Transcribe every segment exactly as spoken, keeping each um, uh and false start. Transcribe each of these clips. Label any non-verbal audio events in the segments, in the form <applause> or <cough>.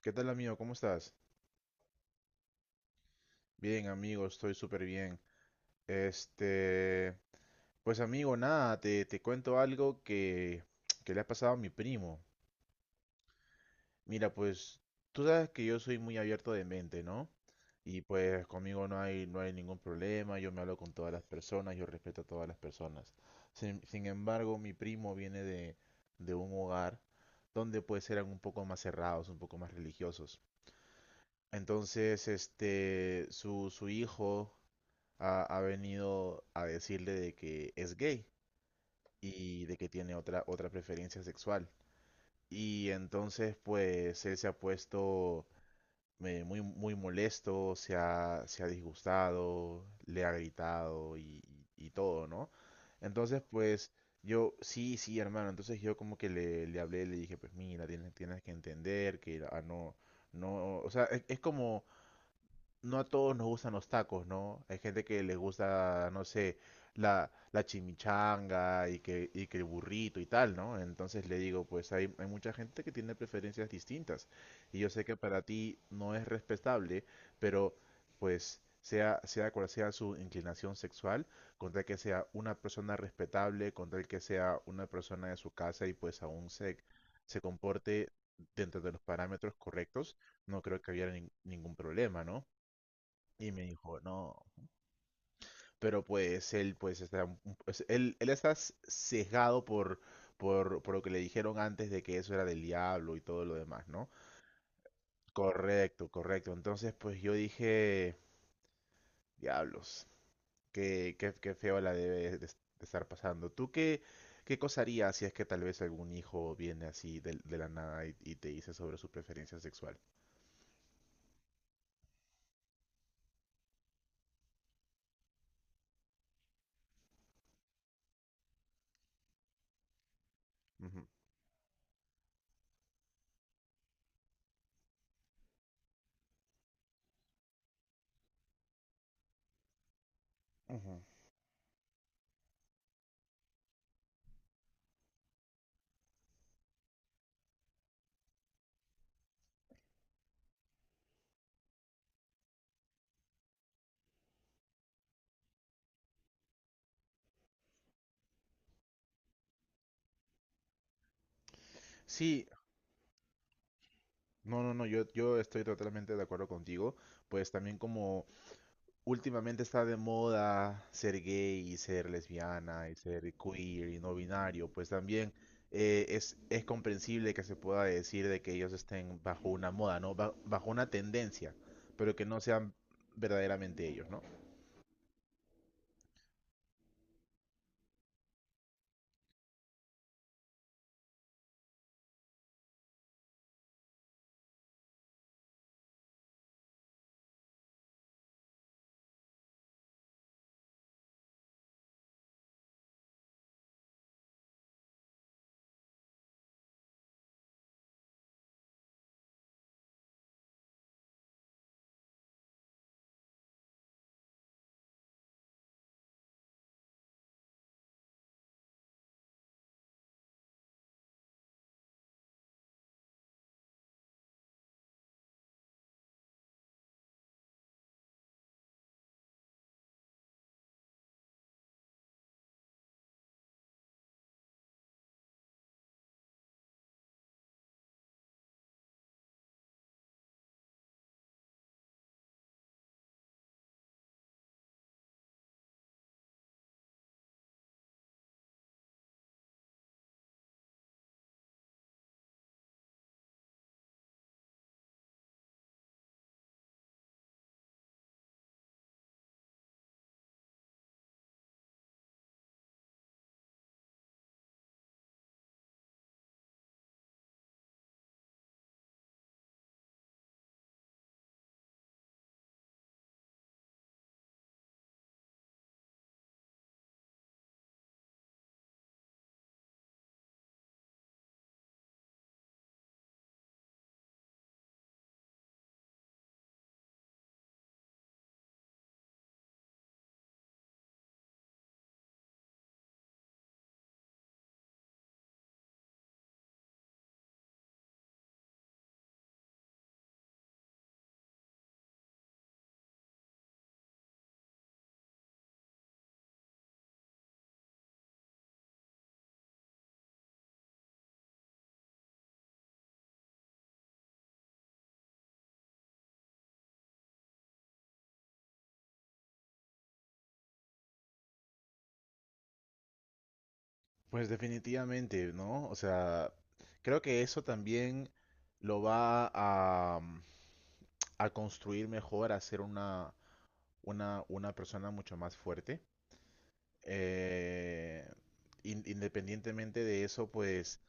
¿Qué tal, amigo? ¿Cómo estás? Bien, amigo, estoy súper bien. Este, pues amigo, nada, te, te cuento algo que, <tsk> que le ha pasado a mi primo. Mira, pues tú sabes que yo soy muy abierto de mente, ¿no? Y pues conmigo no hay, no hay ningún problema, yo me hablo con todas las personas, yo respeto a todas las personas. Sin, sin embargo, mi primo viene de, de un hogar donde pues eran un poco más cerrados, un poco más religiosos. Entonces, este, su, su hijo ha, ha venido a decirle de que es gay y de que tiene otra, otra preferencia sexual. Y entonces, pues, él se ha puesto eh, muy, muy molesto, se ha, se ha disgustado, le ha gritado y, y todo, ¿no? Entonces, pues, yo, sí, sí, hermano. Entonces yo como que le, le hablé, le dije, pues mira, tienes, tienes que entender que ah, no, no, o sea, es, es como, no a todos nos gustan los tacos, ¿no? Hay gente que les gusta, no sé, la, la chimichanga y que, y que el burrito y tal, ¿no? Entonces le digo, pues hay, hay mucha gente que tiene preferencias distintas. Y yo sé que para ti no es respetable, pero pues sea, sea cual sea su inclinación sexual, con tal que sea una persona respetable, con tal que sea una persona de su casa y pues aún se, se comporte dentro de los parámetros correctos, no creo que haya nin- ningún problema, ¿no? Y me dijo, no, pero pues él pues está un- un- pues, él, él está s- sesgado por, por, por lo que le dijeron antes de que eso era del diablo y todo lo demás, ¿no? Correcto, correcto. Entonces, pues yo dije, diablos, qué, qué, qué feo la debe de, de estar pasando. ¿Tú qué, qué cosa harías si es que tal vez algún hijo viene así de, de la nada y, y te dice sobre su preferencia sexual? Ujú. Ujú. Sí, no, no, no, yo, yo estoy totalmente de acuerdo contigo. Pues también como últimamente está de moda ser gay y ser lesbiana y ser queer y no binario, pues también eh, es, es comprensible que se pueda decir de que ellos estén bajo una moda, ¿no? Ba- bajo una tendencia, pero que no sean verdaderamente ellos, ¿no? Pues definitivamente, ¿no? O sea, creo que eso también lo va a, mm, a construir mejor, a hacer una, una, una persona mucho más fuerte. Eh, in- independientemente de eso, pues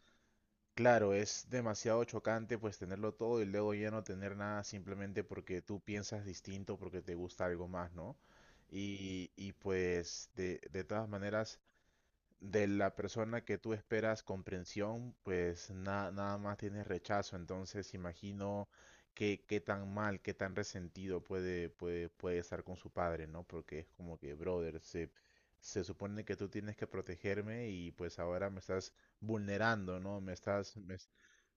claro, es demasiado chocante pues tenerlo todo y luego ya no tener nada simplemente porque tú piensas distinto, porque te gusta algo más, ¿no? Y, y pues de, de todas maneras de la persona que tú esperas comprensión, pues na- nada más tienes rechazo. Entonces imagino qué, qué tan mal, qué tan resentido puede, puede, puede estar con su padre, ¿no? Porque es como que, brother, se, se supone que tú tienes que protegerme y pues ahora me estás vulnerando, ¿no? Me estás, me, es-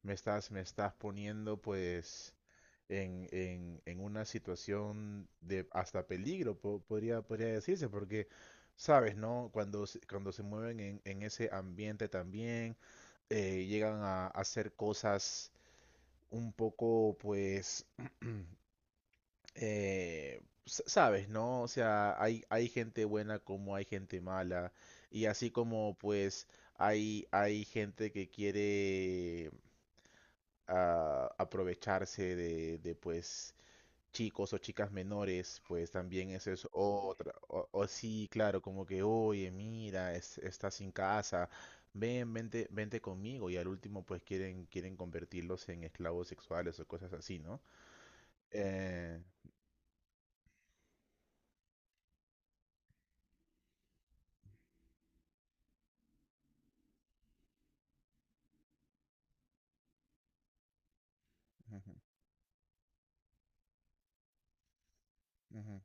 me estás, me estás poniendo pues en, en, en una situación de hasta peligro, po- podría, podría decirse, porque sabes, ¿no? Cuando, se- cuando se mueven en, en ese ambiente también, eh, llegan a hacer cosas un poco, pues, <clears throat> eh, s- sabes, ¿no? O sea, hay, hay gente buena como hay gente mala, y así como, pues, hay, hay gente que quiere ah, aprovecharse de, de, pues, chicos o chicas menores, pues también eso es otra. O, o sí, claro, como que, oye, mira, es- estás sin casa, ven, vente, vente conmigo. Y al último, pues quieren, quieren convertirlos en esclavos sexuales o cosas así, ¿no? Eh, ujú, ujú,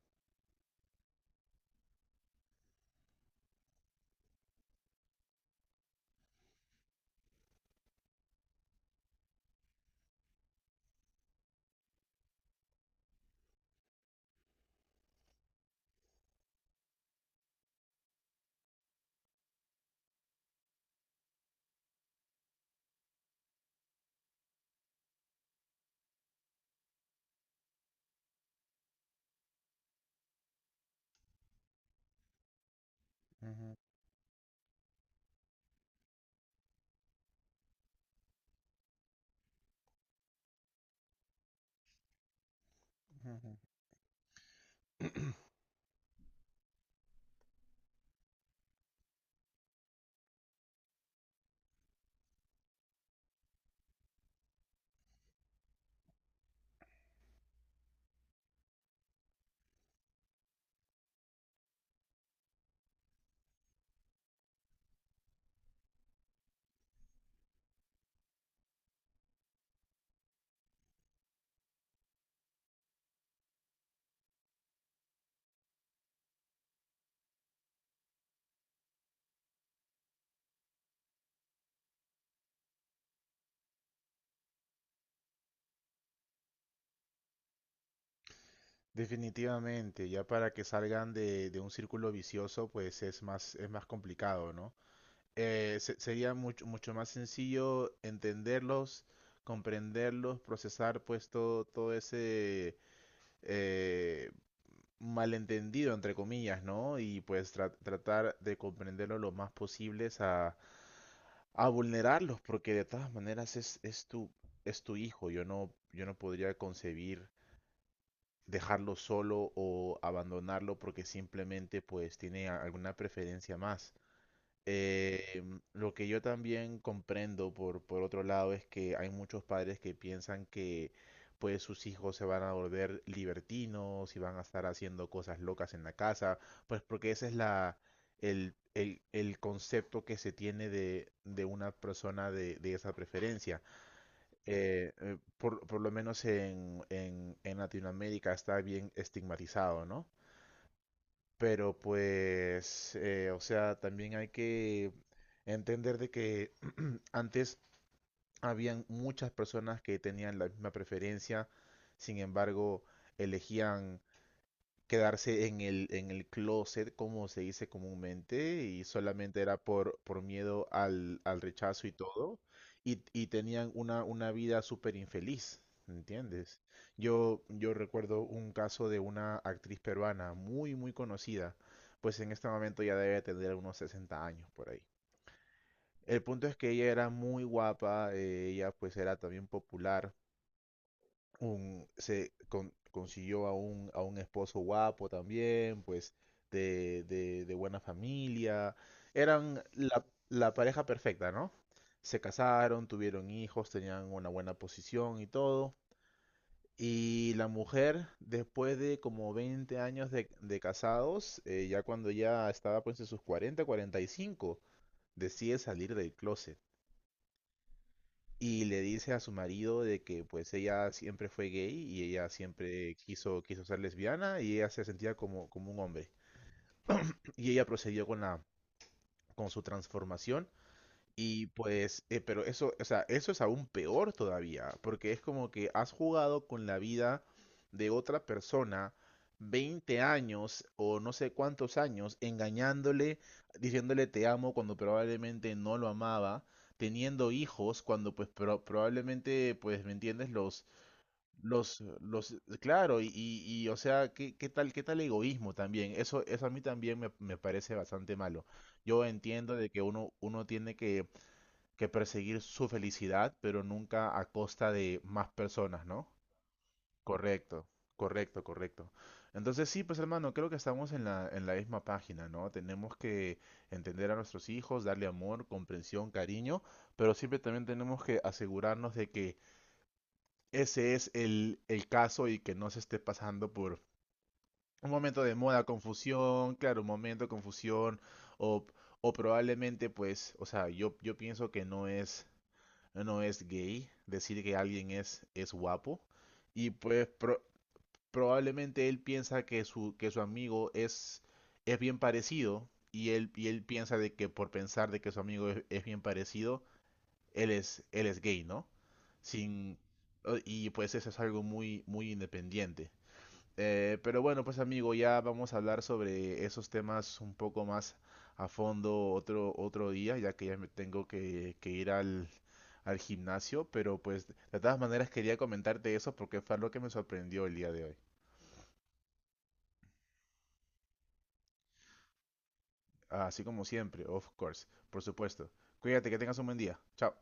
ujú, ujú. Definitivamente, ya para que salgan de, de un círculo vicioso, pues es más, es más complicado, ¿no? eh, se- sería mucho, mucho más sencillo entenderlos, comprenderlos, procesar pues todo, todo ese eh, malentendido, entre comillas, ¿no? Y pues tra- tratar de comprenderlo lo más posibles a, a vulnerarlos, porque de todas maneras es, es tu, es tu hijo. Yo no, yo no podría concebir dejarlo solo o abandonarlo porque simplemente pues tiene a- alguna preferencia más. Eh, lo que yo también comprendo por, por otro lado es que hay muchos padres que piensan que pues sus hijos se van a volver libertinos y van a estar haciendo cosas locas en la casa, pues porque ese es la, el, el, el concepto que se tiene de, de una persona de, de esa preferencia. Eh, eh, por, por lo menos en, en, en Latinoamérica está bien estigmatizado, ¿no? Pero pues, eh, o sea, también hay que entender de que <clears throat> antes habían muchas personas que tenían la misma preferencia, sin embargo, elegían quedarse en el, en el closet, como se dice comúnmente, y solamente era por, por miedo al, al rechazo y todo, y, y tenían una, una vida súper infeliz, ¿entiendes? Yo, yo recuerdo un caso de una actriz peruana muy, muy conocida, pues en este momento ya debe tener unos sesenta años por ahí. El punto es que ella era muy guapa, eh, ella pues era también popular, un- se con- consiguió a un, a un esposo guapo también, pues de, de- de buena familia. Eran la, la pareja perfecta, ¿no? Se casaron, tuvieron hijos, tenían una buena posición y todo. Y la mujer, después de como veinte años de, de casados, eh, ya cuando ya estaba pues en sus cuarenta cuarenta y cinco decide salir del closet y le dice a su marido de que pues ella siempre fue gay y ella siempre quiso, quiso ser lesbiana y ella se sentía como, como un hombre. Y ella procedió con la, con su transformación y pues, eh, pero eso, o sea, eso es aún peor todavía, porque es como que has jugado con la vida de otra persona veinte años o no sé cuántos años, engañándole, diciéndole te amo cuando probablemente no lo amaba, teniendo hijos cuando pues pro- probablemente, pues, ¿me entiendes? Los, los, los, claro, y, y, y, o sea, ¿qué, qué tal, qué tal egoísmo también? Eso, eso a mí también me, me parece bastante malo. Yo entiendo de que uno, uno tiene que que perseguir su felicidad, pero nunca a costa de más personas, ¿no? Correcto, correcto, correcto. Entonces sí, pues hermano, creo que estamos en la, en la misma página, ¿no? Tenemos que entender a nuestros hijos, darle amor, comprensión, cariño, pero siempre también tenemos que asegurarnos de que ese es el, el caso y que no se esté pasando por un momento de moda, confusión, claro, un momento de confusión o, o probablemente pues, o sea, yo, yo pienso que no es eh, no es gay, decir que alguien es, es guapo. Y pues pro- probablemente él piensa que su, que su amigo es, es bien parecido y él, y él piensa de que por pensar de que su amigo es, es bien parecido, él es, él es gay, ¿no? Sin, o- y pues eso es algo muy, muy independiente. Eh, pero bueno, pues amigo, ya vamos a hablar sobre esos temas un poco más a fondo otro, otro día, ya que ya me tengo que, que ir al, al gimnasio, pero pues de todas maneras quería comentarte eso porque fue lo que me sorprendió el día de hoy. Así como siempre, of course, por supuesto. Cuídate, que tengas un buen día. Chao.